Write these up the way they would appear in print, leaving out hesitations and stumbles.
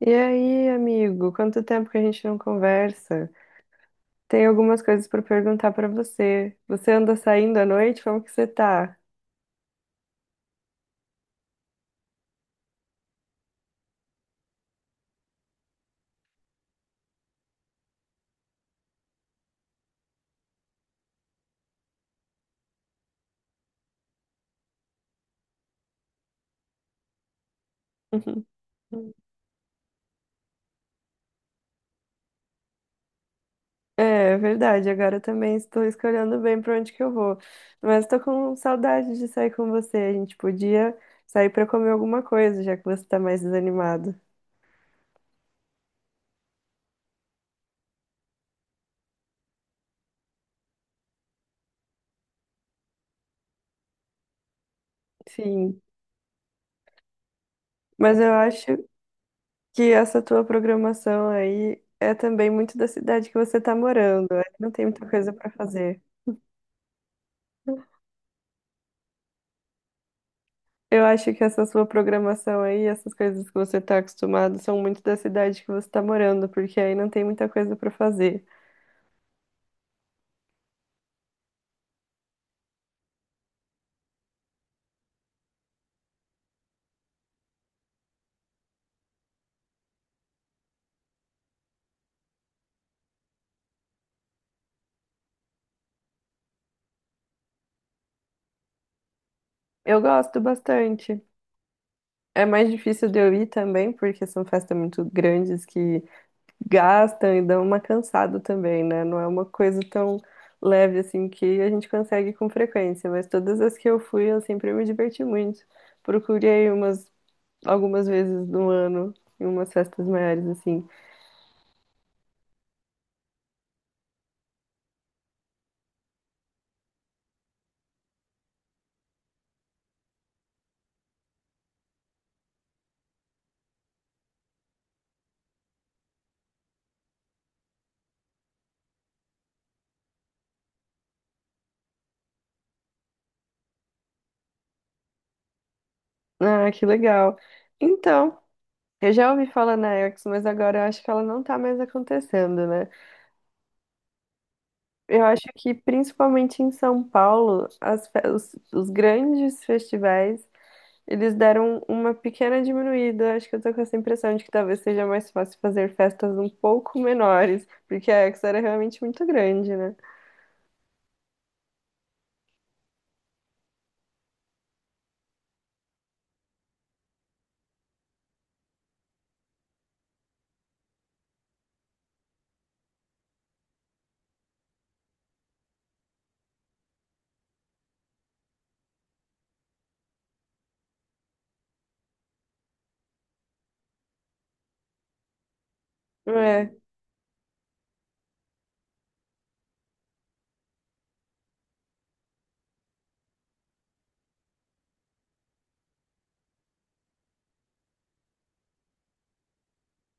E aí, amigo, quanto tempo que a gente não conversa? Tem algumas coisas para perguntar para você. Você anda saindo à noite? Como que você tá? É, verdade, agora eu também estou escolhendo bem para onde que eu vou. Mas estou com saudade de sair com você. A gente podia sair para comer alguma coisa, já que você está mais desanimado. Sim, mas eu acho que essa tua programação aí é também muito da cidade que você está morando. Aí não tem muita coisa para fazer. Eu acho que essa sua programação aí, essas coisas que você está acostumado, são muito da cidade que você está morando, porque aí não tem muita coisa para fazer. Eu gosto bastante. É mais difícil de eu ir também, porque são festas muito grandes que gastam e dão uma cansada também, né? Não é uma coisa tão leve assim que a gente consegue com frequência, mas todas as que eu fui, eu sempre me diverti muito. Procurei umas algumas vezes no ano em umas festas maiores assim. Ah, que legal. Então, eu já ouvi falar na Eric's, mas agora eu acho que ela não tá mais acontecendo, né? Eu acho que principalmente em São Paulo, as os grandes festivais, eles deram uma pequena diminuída. Acho que eu tô com essa impressão de que talvez seja mais fácil fazer festas um pouco menores, porque a Eric's era realmente muito grande, né? É.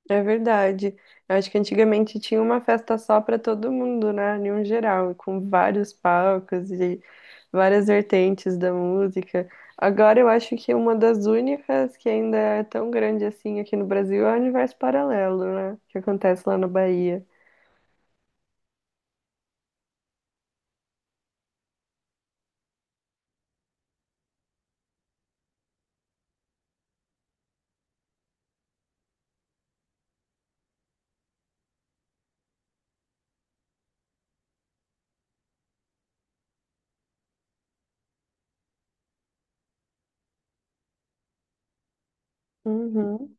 É verdade. Eu acho que antigamente tinha uma festa só para todo mundo, né? Em um geral, com vários palcos e várias vertentes da música. Agora eu acho que uma das únicas que ainda é tão grande assim aqui no Brasil é o Universo Paralelo, né? Que acontece lá na Bahia. Uhum.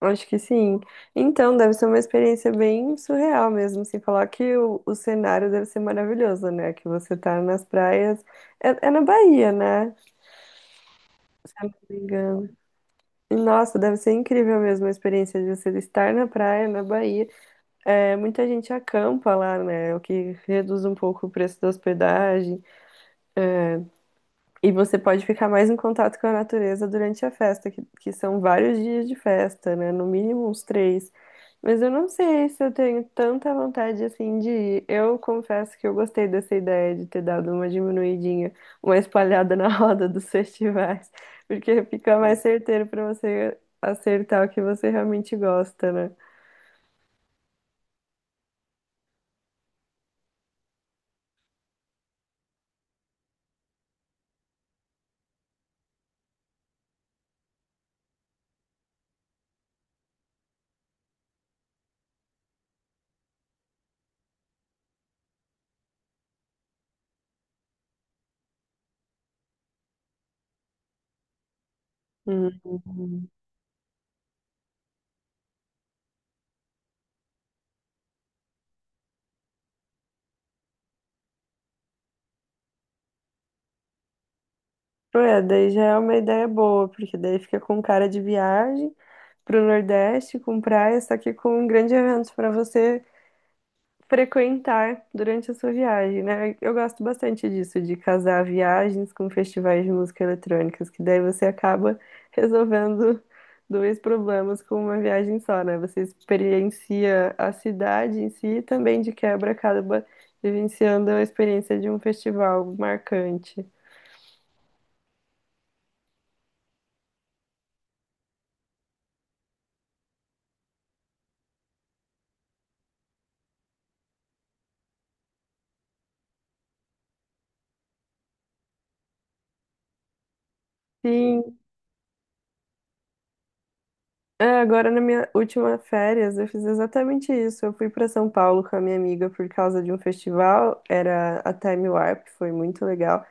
Acho que sim. Então, deve ser uma experiência bem surreal mesmo, sem falar que o cenário deve ser maravilhoso, né? Que você tá nas praias. É, é na Bahia, né? Se eu não me engano. Nossa, deve ser incrível mesmo a experiência de você estar na praia, na Bahia. É, muita gente acampa lá, né? O que reduz um pouco o preço da hospedagem. É, e você pode ficar mais em contato com a natureza durante a festa, que são vários dias de festa, né? No mínimo uns três. Mas eu não sei se eu tenho tanta vontade assim de ir. Eu confesso que eu gostei dessa ideia de ter dado uma diminuidinha, uma espalhada na roda dos festivais, porque fica mais certeiro para você acertar o que você realmente gosta, né? Uhum. É, daí já é uma ideia boa, porque daí fica com cara de viagem para o Nordeste com praia, só que com um grande evento para você frequentar durante a sua viagem, né? Eu gosto bastante disso, de casar viagens com festivais de música eletrônicas, que daí você acaba resolvendo dois problemas com uma viagem só, né? Você experiencia a cidade em si e também de quebra acaba vivenciando a experiência de um festival marcante. Sim, é, agora na minha última férias eu fiz exatamente isso. Eu fui para São Paulo com a minha amiga por causa de um festival, era a Time Warp, foi muito legal.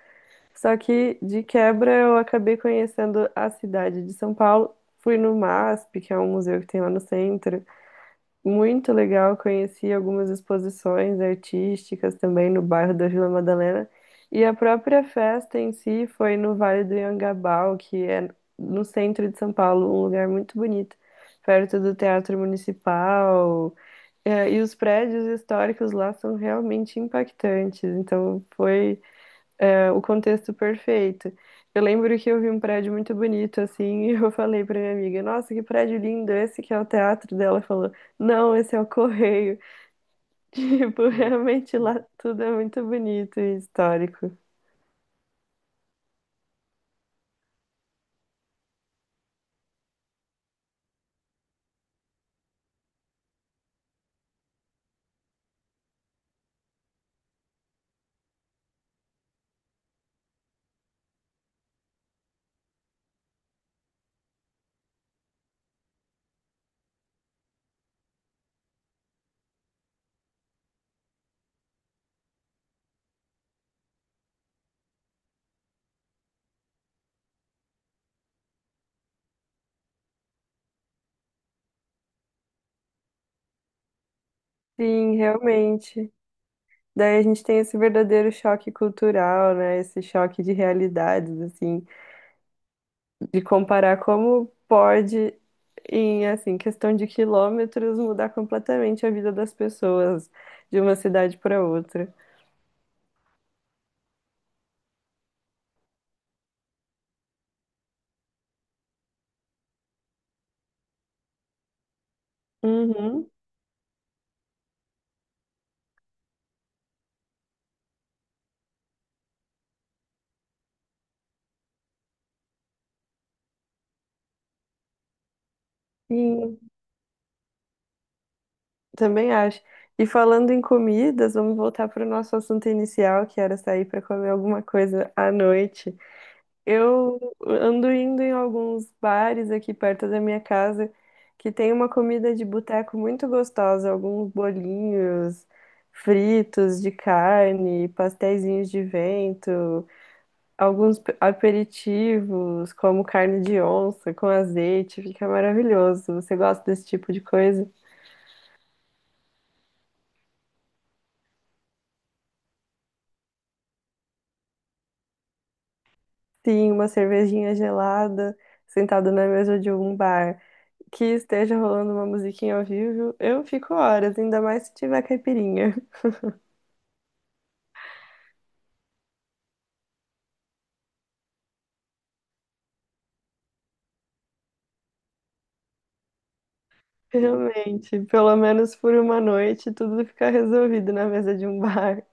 Só que de quebra eu acabei conhecendo a cidade de São Paulo. Fui no MASP, que é um museu que tem lá no centro. Muito legal, conheci algumas exposições artísticas também no bairro da Vila Madalena. E a própria festa em si foi no Vale do Anhangabaú, que é no centro de São Paulo, um lugar muito bonito, perto do Teatro Municipal. É, e os prédios históricos lá são realmente impactantes. Então foi é o contexto perfeito. Eu lembro que eu vi um prédio muito bonito assim, e eu falei pra minha amiga: "Nossa, que prédio lindo, esse que é o teatro dela". Ela falou: "Não, esse é o Correio". Tipo, realmente lá tudo é muito bonito e histórico. Sim, realmente. Daí a gente tem esse verdadeiro choque cultural, né? Esse choque de realidades, assim, de comparar como pode, em assim, questão de quilômetros, mudar completamente a vida das pessoas de uma cidade para outra. Uhum, sim, também acho. E falando em comidas, vamos voltar para o nosso assunto inicial, que era sair para comer alguma coisa à noite. Eu ando indo em alguns bares aqui perto da minha casa que tem uma comida de boteco muito gostosa, alguns bolinhos fritos de carne, pasteizinhos de vento, alguns aperitivos, como carne de onça com azeite, fica maravilhoso. Você gosta desse tipo de coisa? Sim, uma cervejinha gelada, sentado na mesa de um bar, que esteja rolando uma musiquinha ao vivo, eu fico horas, ainda mais se tiver caipirinha. Realmente, pelo menos por uma noite, tudo fica resolvido na mesa de um bar.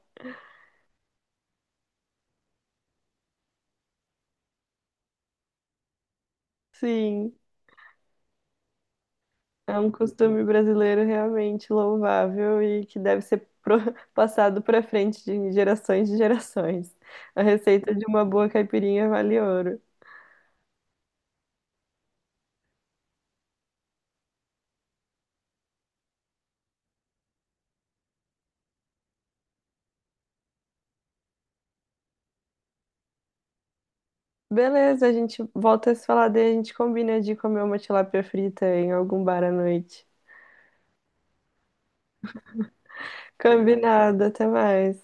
Sim, é um costume brasileiro realmente louvável e que deve ser passado para frente de gerações de gerações. A receita de uma boa caipirinha vale ouro. Beleza, a gente volta a se falar daí, a gente combina de comer uma tilápia frita em algum bar à noite. Combinado. Até mais.